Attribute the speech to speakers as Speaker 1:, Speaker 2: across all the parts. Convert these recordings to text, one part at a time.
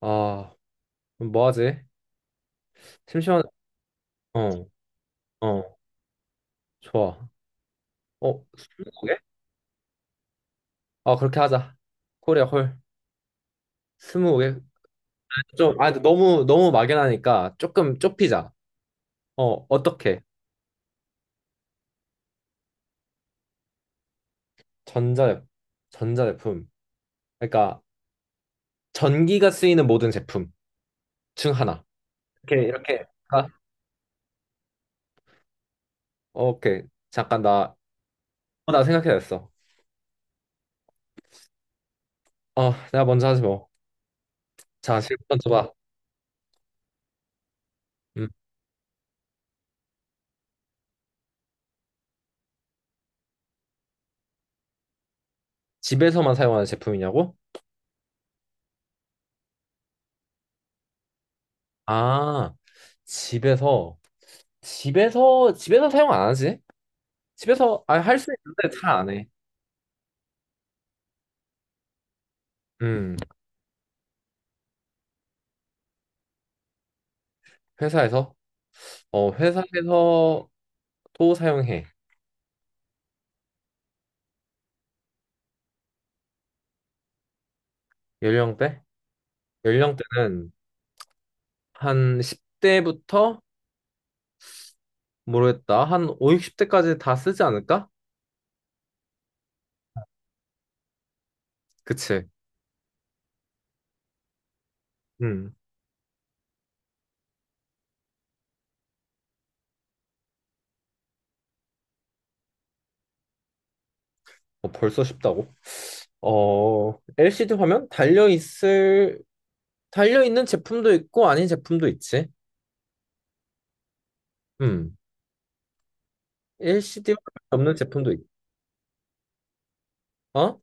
Speaker 1: 아, 그럼 뭐 하지? 심심한, 어, 어, 좋아. 어, 스무 개? 아, 그렇게 하자. 코리아 홀. 스무 개? 좀, 아, 근데 너무, 너무 막연하니까 조금 좁히자. 어, 어떻게? 전자, 전자제품. 그러니까, 전기가 쓰이는 모든 제품 중 하나. 이렇게, 이렇게. 아, 오케이. 잠깐, 나 생각해냈어. 어, 내가 먼저 하지 뭐. 자, 질문 먼저 봐. 음, 집에서만 사용하는 제품이냐고? 아, 집에서. 집에서 사용 안 하지? 집에서 아, 할 수 있는데 잘 안 해. 음, 회사에서 회사에서 또 사용해. 연령대? 연령대는 한 10대부터 모르겠다. 한 5, 60대까지 다 쓰지 않을까? 그치? 음. 어, 벌써 쉽다고? 어, LCD 화면 달려 있는 제품도 있고 아닌 제품도 있지. 음. LCD 화면 없는 제품도 있. 어?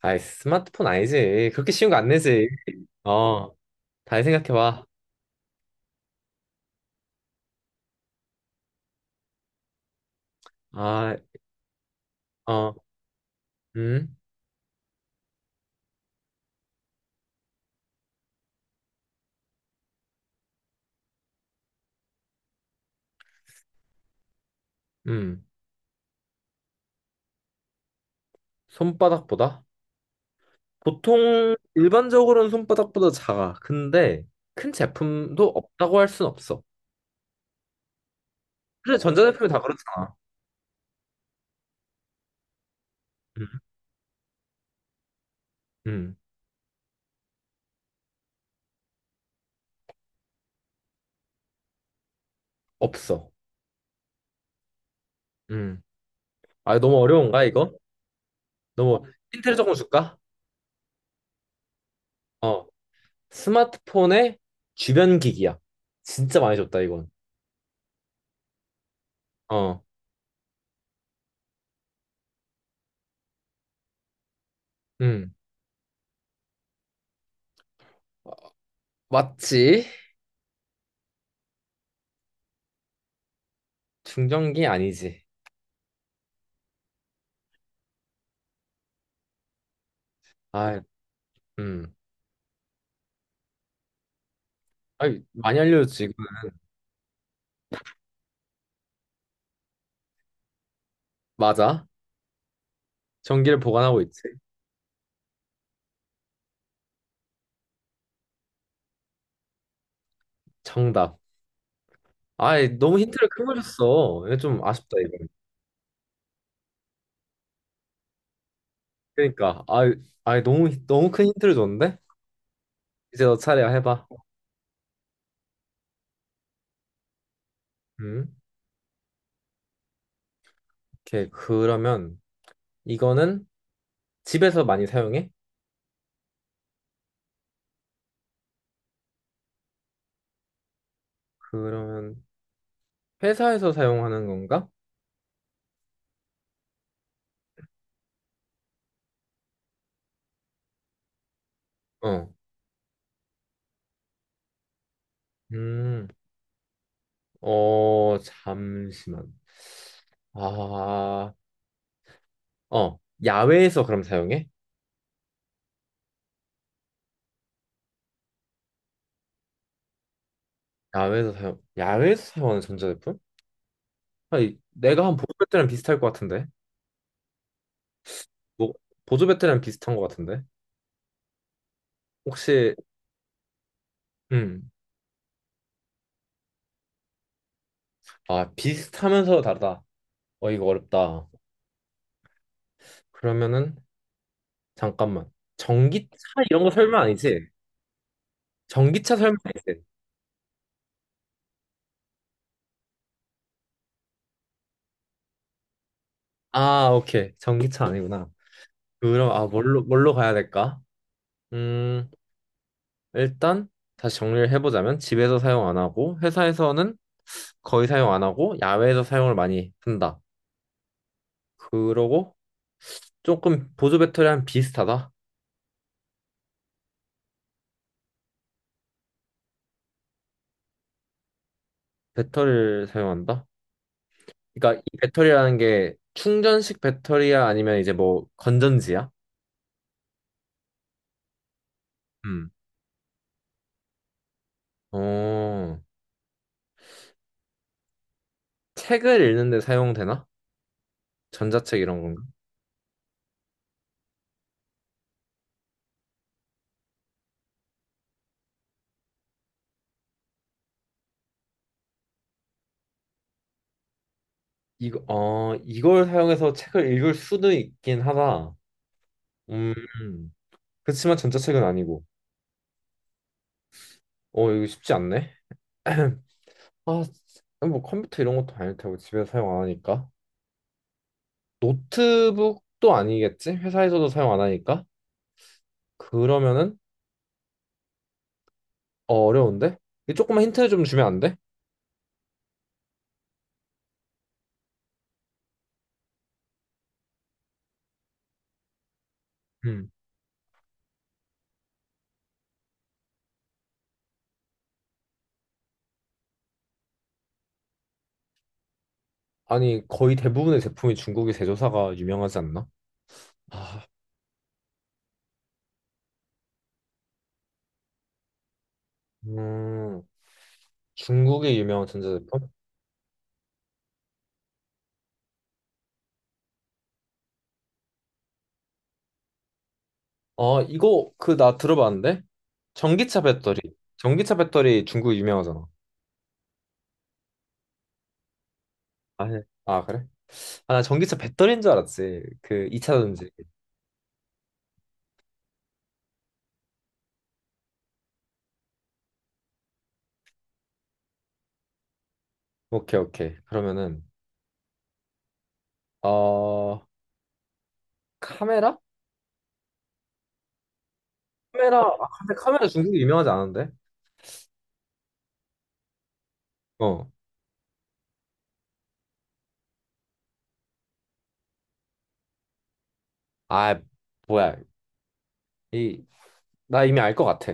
Speaker 1: 아이, 스마트폰 아니지. 그렇게 쉬운 거 안 내지. 어, 잘 생각해봐. 아, 어, 음, 음. 손바닥보다? 보통 일반적으로는 손바닥보다 작아. 근데 큰 제품도 없다고 할 순 없어. 그래, 전자제품이 다 그렇잖아. 음, 음. 없어. 음. 아, 너무 어려운가, 이거? 너무 힌트를 조금 줄까? 어, 스마트폰의 주변 기기야. 진짜 많이 줬다, 이건. 어, 음. 어, 맞지? 충전기 아니지. 아, 음. 아니, 많이 알려줬지. 이거. 맞아. 전기를 보관하고 있지. 정답. 아이, 너무 힌트를 큰 걸 줬어. 이거 좀 아쉽다, 이거. 그러니까. 아이, 아이, 너무, 너무 큰 힌트를 줬는데? 이제 너 차례야, 해봐. 음. 오케이. 그러면, 이거는 집에서 많이 사용해? 그러면, 회사에서 사용하는 건가? 어. 음. 어, 잠시만. 아, 어. 야외에서 그럼 사용해? 야외에서 사용하는 전자제품? 아니, 내가 한 보조 배터리랑 비슷할 것 같은데. 뭐, 보조 배터리랑 비슷한 것 같은데. 혹시, 음, 아, 비슷하면서 다르다. 어, 이거 어렵다. 그러면은, 잠깐만. 전기차 이런 거 설명 아니지? 전기차 설명 아니지? 아, 오케이. 전기차 아니구나. 그럼, 아, 뭘로 가야 될까? 음, 일단, 다시 정리를 해보자면, 집에서 사용 안 하고, 회사에서는 거의 사용 안 하고, 야외에서 사용을 많이 한다. 그러고, 조금 보조 배터리랑 비슷하다. 배터리를 사용한다? 그러니까 이 배터리라는 게 충전식 배터리야 아니면 이제 뭐 건전지야? 음. 어, 책을 읽는데 사용되나? 전자책 이런 건가? 이걸 사용해서 책을 읽을 수도 있긴 하다. 음, 그렇지만 전자책은 아니고. 어, 이거 쉽지 않네. 아, 뭐 컴퓨터 이런 것도 아닐 테고 집에서 사용 안 하니까. 노트북도 아니겠지? 회사에서도 사용 안 하니까. 그러면은 어, 어려운데? 이거 조금만 힌트 좀 주면 안 돼? 음. 아니, 거의 대부분의 제품이 중국의 제조사가 유명하지 않나? 아, 음, 중국의 유명한 전자제품? 아, 이거 그 나 들어봤는데? 전기차 배터리. 전기차 배터리 중국 유명하잖아. 아, 네. 아, 그래? 아, 나 전기차 배터리인 줄 알았지. 그 2차전지. 오케이, 오케이. 그러면은 어, 카메라? 카메라. 아, 근데 카메라 중국이 유명하지 않은데? 어. 아, 뭐야. 이 나 이미 알 것 같아.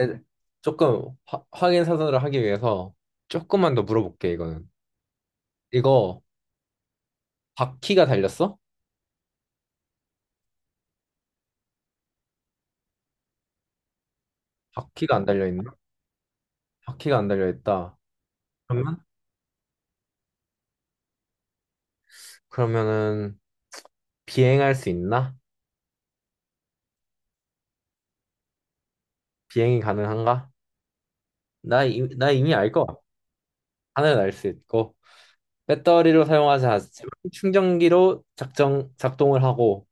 Speaker 1: 에, 확인 사선을 하기 위해서 조금만 더 물어볼게, 이거는. 이거 바퀴가 달렸어? 바퀴가 안 달려있나? 바퀴가 안 달려있다. 그러면? 그러면은 비행할 수 있나? 비행이 가능한가? 나 이미 알 것 같아. 하늘 날 수 있고 배터리로 사용하지 않지만 충전기로 작동을 하고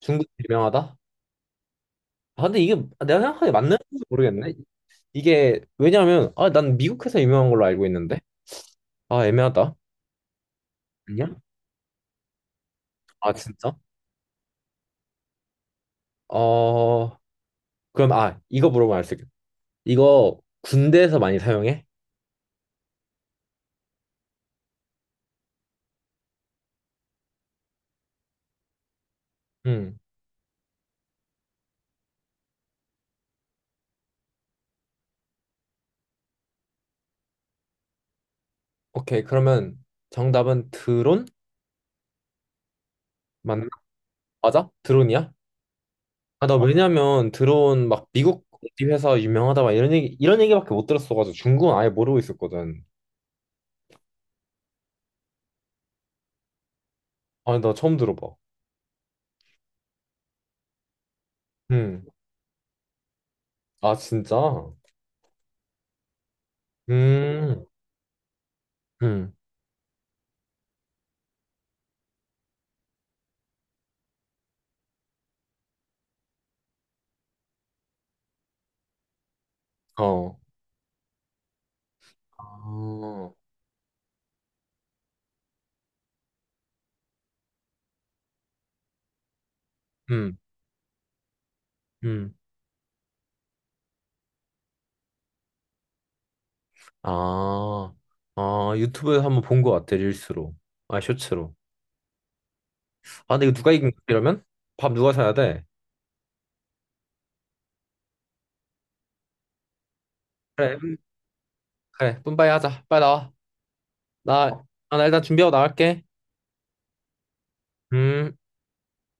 Speaker 1: 중국 유명하다? 아, 근데 이게 내가 생각하기에 맞는지 모르겠네. 이게 왜냐면 아, 난 미국 회사 유명한 걸로 알고 있는데 아 애매하다. 아니야? 아, 진짜? 어, 그럼, 아, 이거 물어보면 알 수 있겠다. 이거 군대에서 많이 사용해? 응. 오케이, 그러면 정답은 드론? 맞나? 맞아? 드론이야? 아, 나 왜냐면 드론 막 미국 어디 회사 유명하다 막 이런 얘기밖에 못 들었어가지고 중국은 아예 모르고 있었거든. 아니, 나 처음 들어봐. 응. 아, 진짜? 음, 음, 어. 아, 음, 음. 아, 아, 유튜브에서 한번 본 것 같아, 릴스로. 아, 쇼츠로. 아, 근데 이거 누가 이긴 거야, 이러면? 밥 누가 사야 돼? 그래, 그래, 뿜바이 하자. 빨리 나와. 나, 나 일단 준비하고 나갈게. 음.